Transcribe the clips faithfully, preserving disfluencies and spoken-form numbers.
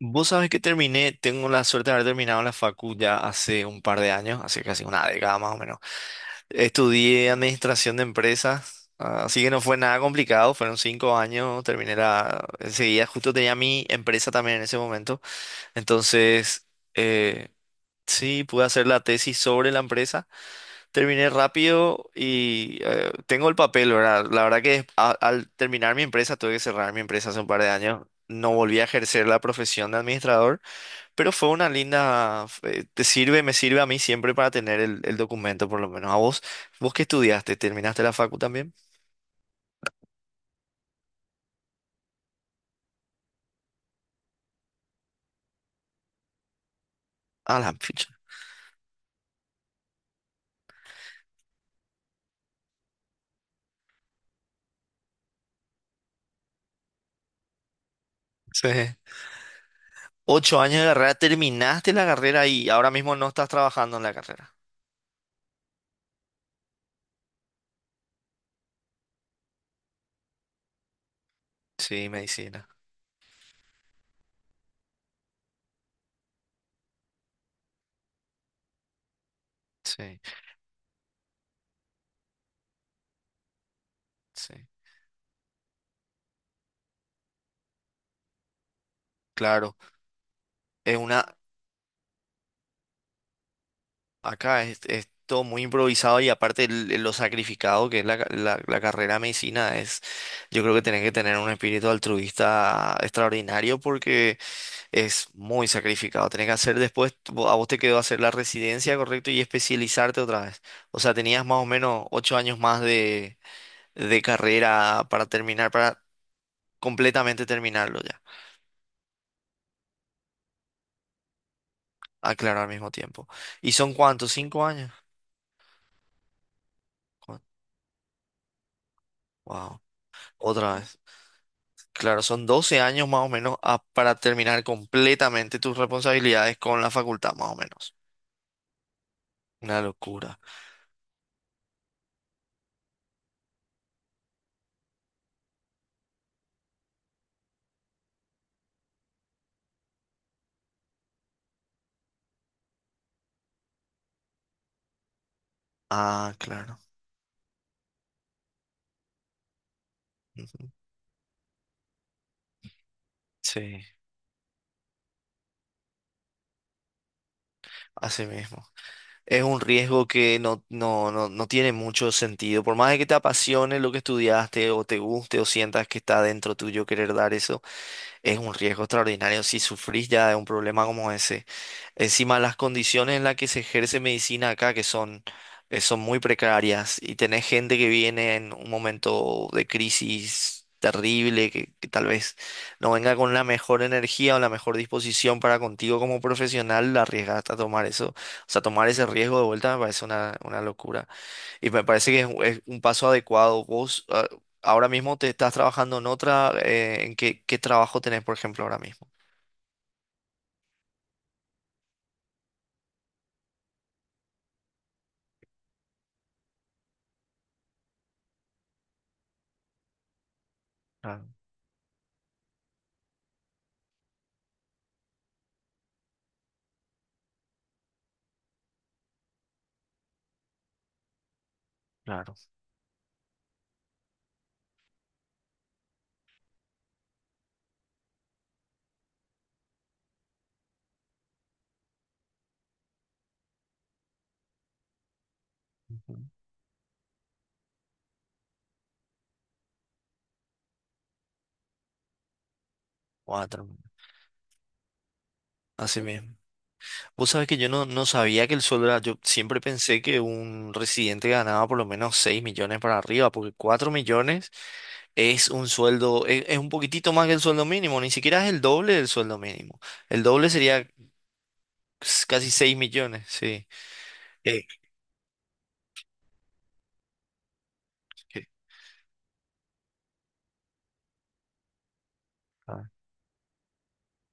Vos sabés que terminé, tengo la suerte de haber terminado la facu ya hace un par de años, hace casi una década más o menos. Estudié administración de empresas, ah, así que no fue nada complicado, fueron cinco años, terminé la... Enseguida justo tenía mi empresa también en ese momento, entonces eh, sí, pude hacer la tesis sobre la empresa, terminé rápido y eh, tengo el papel, ¿verdad? La verdad que a- al terminar mi empresa tuve que cerrar mi empresa hace un par de años. No volví a ejercer la profesión de administrador, pero fue una linda, eh, te sirve, me sirve a mí siempre para tener el, el documento, por lo menos. ¿A vos? ¿Vos qué estudiaste? ¿Terminaste la facu también? A la ficha. Sí. Ocho años de carrera, terminaste la carrera y ahora mismo no estás trabajando en la carrera. Sí, medicina. Sí, sí. Claro. Es una, acá es, es todo muy improvisado y aparte el- el- lo sacrificado que es la, ca- la, la carrera de medicina es, yo creo que tenés que tener un espíritu altruista extraordinario porque es muy sacrificado. Tenés que hacer después, vo- a vos te quedó hacer la residencia, correcto, y especializarte otra vez. O sea, tenías más o menos ocho años más de, de carrera para terminar, para completamente terminarlo ya. Aclaro al mismo tiempo. ¿Y son cuántos? ¿Cinco años? Cu- Wow. Otra vez. Claro, son doce años más o menos a- para terminar completamente tus responsabilidades con la facultad, más o menos. Una locura. Ah, claro. Ujú. Sí, así mismo. Es un riesgo que no, no, no, no tiene mucho sentido. Por más de que te apasione lo que estudiaste o te guste o sientas que está dentro tuyo querer dar eso, es un riesgo extraordinario si sufrís ya de un problema como ese. Encima, las condiciones en las que se ejerce medicina acá, que son, eh, son muy precarias, y tenés gente que viene en un momento de crisis terrible, que, que tal vez no venga con la mejor energía o la mejor disposición para contigo como profesional, la arriesgaste a tomar eso. O sea, tomar ese riesgo de vuelta me parece una, una locura. Y me parece que es, un es un paso adecuado. Vos ah, ahora mismo te estás trabajando en otra, eh, ¿en qué, qué trabajo tenés, por ejemplo, ahora mismo? Claro, claro. Ujú. Cuatro. Así mismo. Vos sabés que yo no, no sabía que el sueldo era, yo siempre pensé que un residente ganaba por lo menos seis millones para arriba, porque cuatro millones es un sueldo, es, es un poquitito más que el sueldo mínimo, ni siquiera es el doble del sueldo mínimo. El doble sería s- casi seis millones, sí. Eh, que- ah,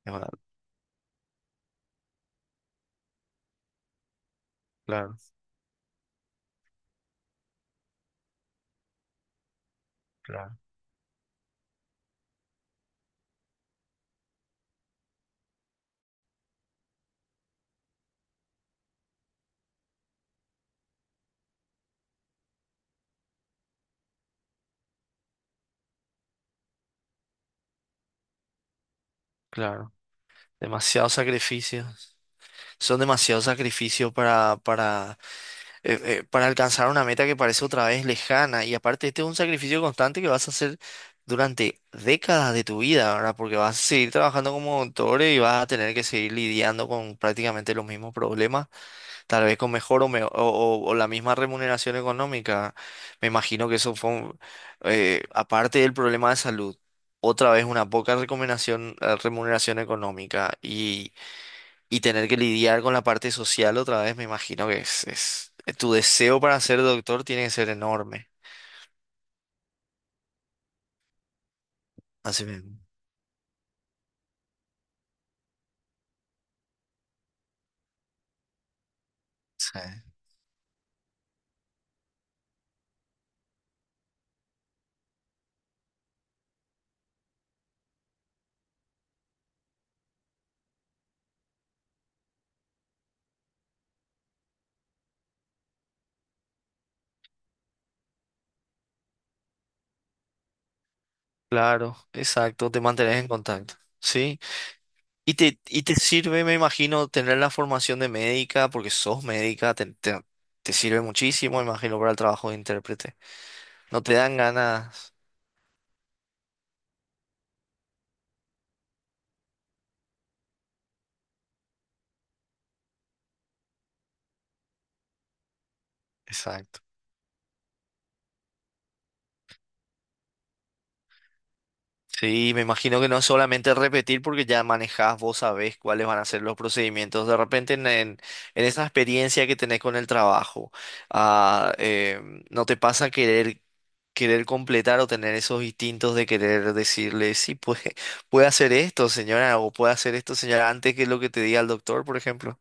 es verdad. Claro, claro, claro. Demasiados sacrificios. Son demasiados sacrificios para, para, eh, eh, para alcanzar una meta que parece otra vez lejana. Y aparte, este es un sacrificio constante que vas a hacer durante décadas de tu vida, ¿verdad? Porque vas a seguir trabajando como doctor y vas a tener que seguir lidiando con prácticamente los mismos problemas, tal vez con mejor o, me- o, o- o la misma remuneración económica. Me imagino que eso fue, un- eh, aparte del problema de salud. Otra vez una poca recomendación, eh, remuneración económica y tener que lidiar con la parte social otra vez, me imagino que es, es... Tu deseo para ser doctor tiene que ser enorme. Así mismo. Sí. Claro, exacto, te mantenés en contacto. Sí, y te, y te sirve, me imagino, tener la formación de médica, porque sos médica, te, te, te sirve muchísimo, me imagino, para el trabajo de intérprete. No te dan ganas. Exacto. Sí, me imagino que no es solamente repetir porque ya manejás, vos sabés cuáles van a ser los procedimientos. De repente en, en- en esa experiencia que tenés con el trabajo, ah, eh, ¿no te pasa querer, querer completar o tener esos instintos de querer decirle, sí, pues puede hacer esto, señora, o puede hacer esto, señora, antes que lo que te diga el doctor, por ejemplo?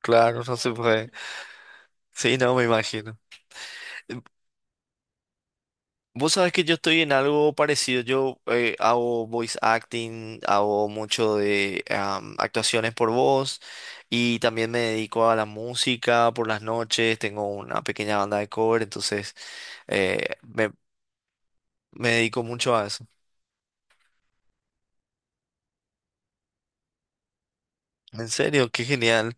Claro, no se puede. Sí, no, me imagino. Vos sabés que yo estoy en algo parecido. Yo eh, hago voice acting, hago mucho de am, actuaciones por voz y también me dedico a la música por las noches. Tengo una pequeña banda de cover, entonces eh, me, me dedico mucho a eso. En serio, qué genial.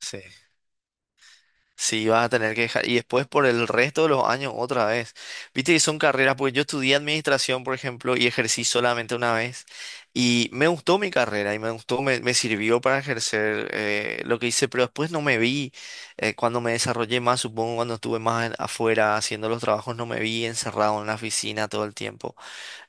Sí. Sí, vas a tener que dejar. Y después por el resto de los años otra vez. Viste que son carreras, porque yo estudié administración, por ejemplo, y ejercí solamente una vez. Y me gustó mi carrera y me gustó, me, me sirvió para ejercer eh, lo que hice, pero después no me vi, eh, cuando me desarrollé más, supongo, cuando estuve más en- afuera haciendo los trabajos, no me vi encerrado en la oficina todo el tiempo.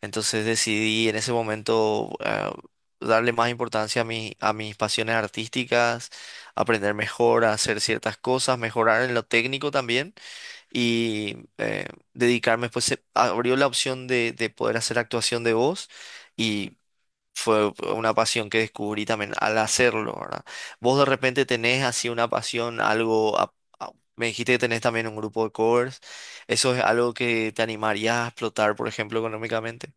Entonces decidí en ese momento ah, darle más importancia a mi- a mis pasiones artísticas, aprender mejor a hacer ciertas cosas, mejorar en lo técnico también y eh, dedicarme. Pues se abrió la opción de, de poder hacer actuación de voz y fue una pasión que descubrí también al hacerlo, ¿verdad? Vos de repente tenés así una pasión, algo... a- a- Me dijiste que tenés también un grupo de covers. ¿Eso es algo que te animaría a explotar, por ejemplo, económicamente?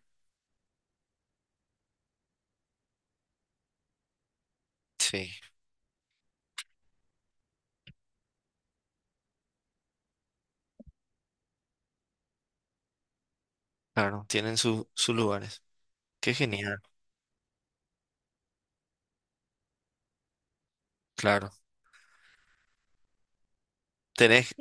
Sí, claro, tienen su- sus lugares. Qué genial, claro. Tenés,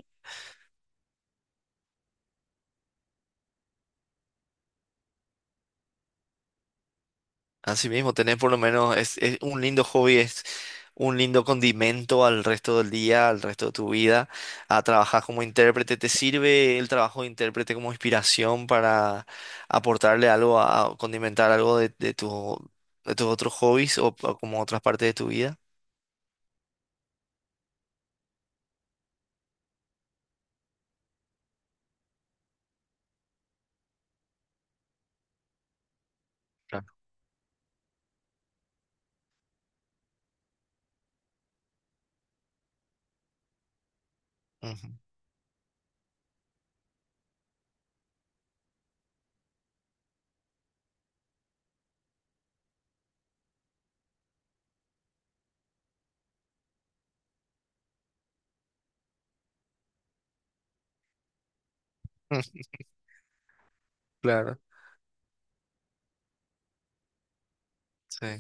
así mismo, tenés por lo menos, es, es un lindo hobby, es un lindo condimento al resto del día, al resto de tu vida. A trabajar como intérprete, ¿te sirve el trabajo de intérprete como inspiración para aportarle algo, a, a condimentar algo de, de tu, de tus otros hobbies o, o como otras partes de tu vida? Claro. Ujú. Claro. Sí.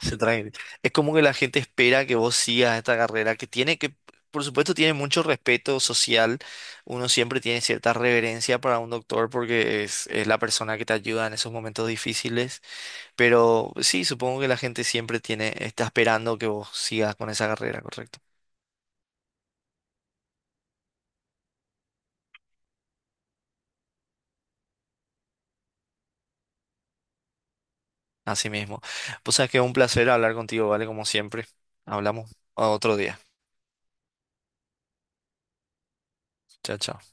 Se traen. Es como que la gente espera que vos sigas esta carrera que tiene que, por supuesto, tiene mucho respeto social. Uno siempre tiene cierta reverencia para un doctor porque es, es la persona que te ayuda en esos momentos difíciles. Pero sí, supongo que la gente siempre tiene, está esperando que vos sigas con esa carrera, correcto. Así mismo. Pues sabes que es un placer hablar contigo, ¿vale? Como siempre. Hablamos otro día. Chao, chao.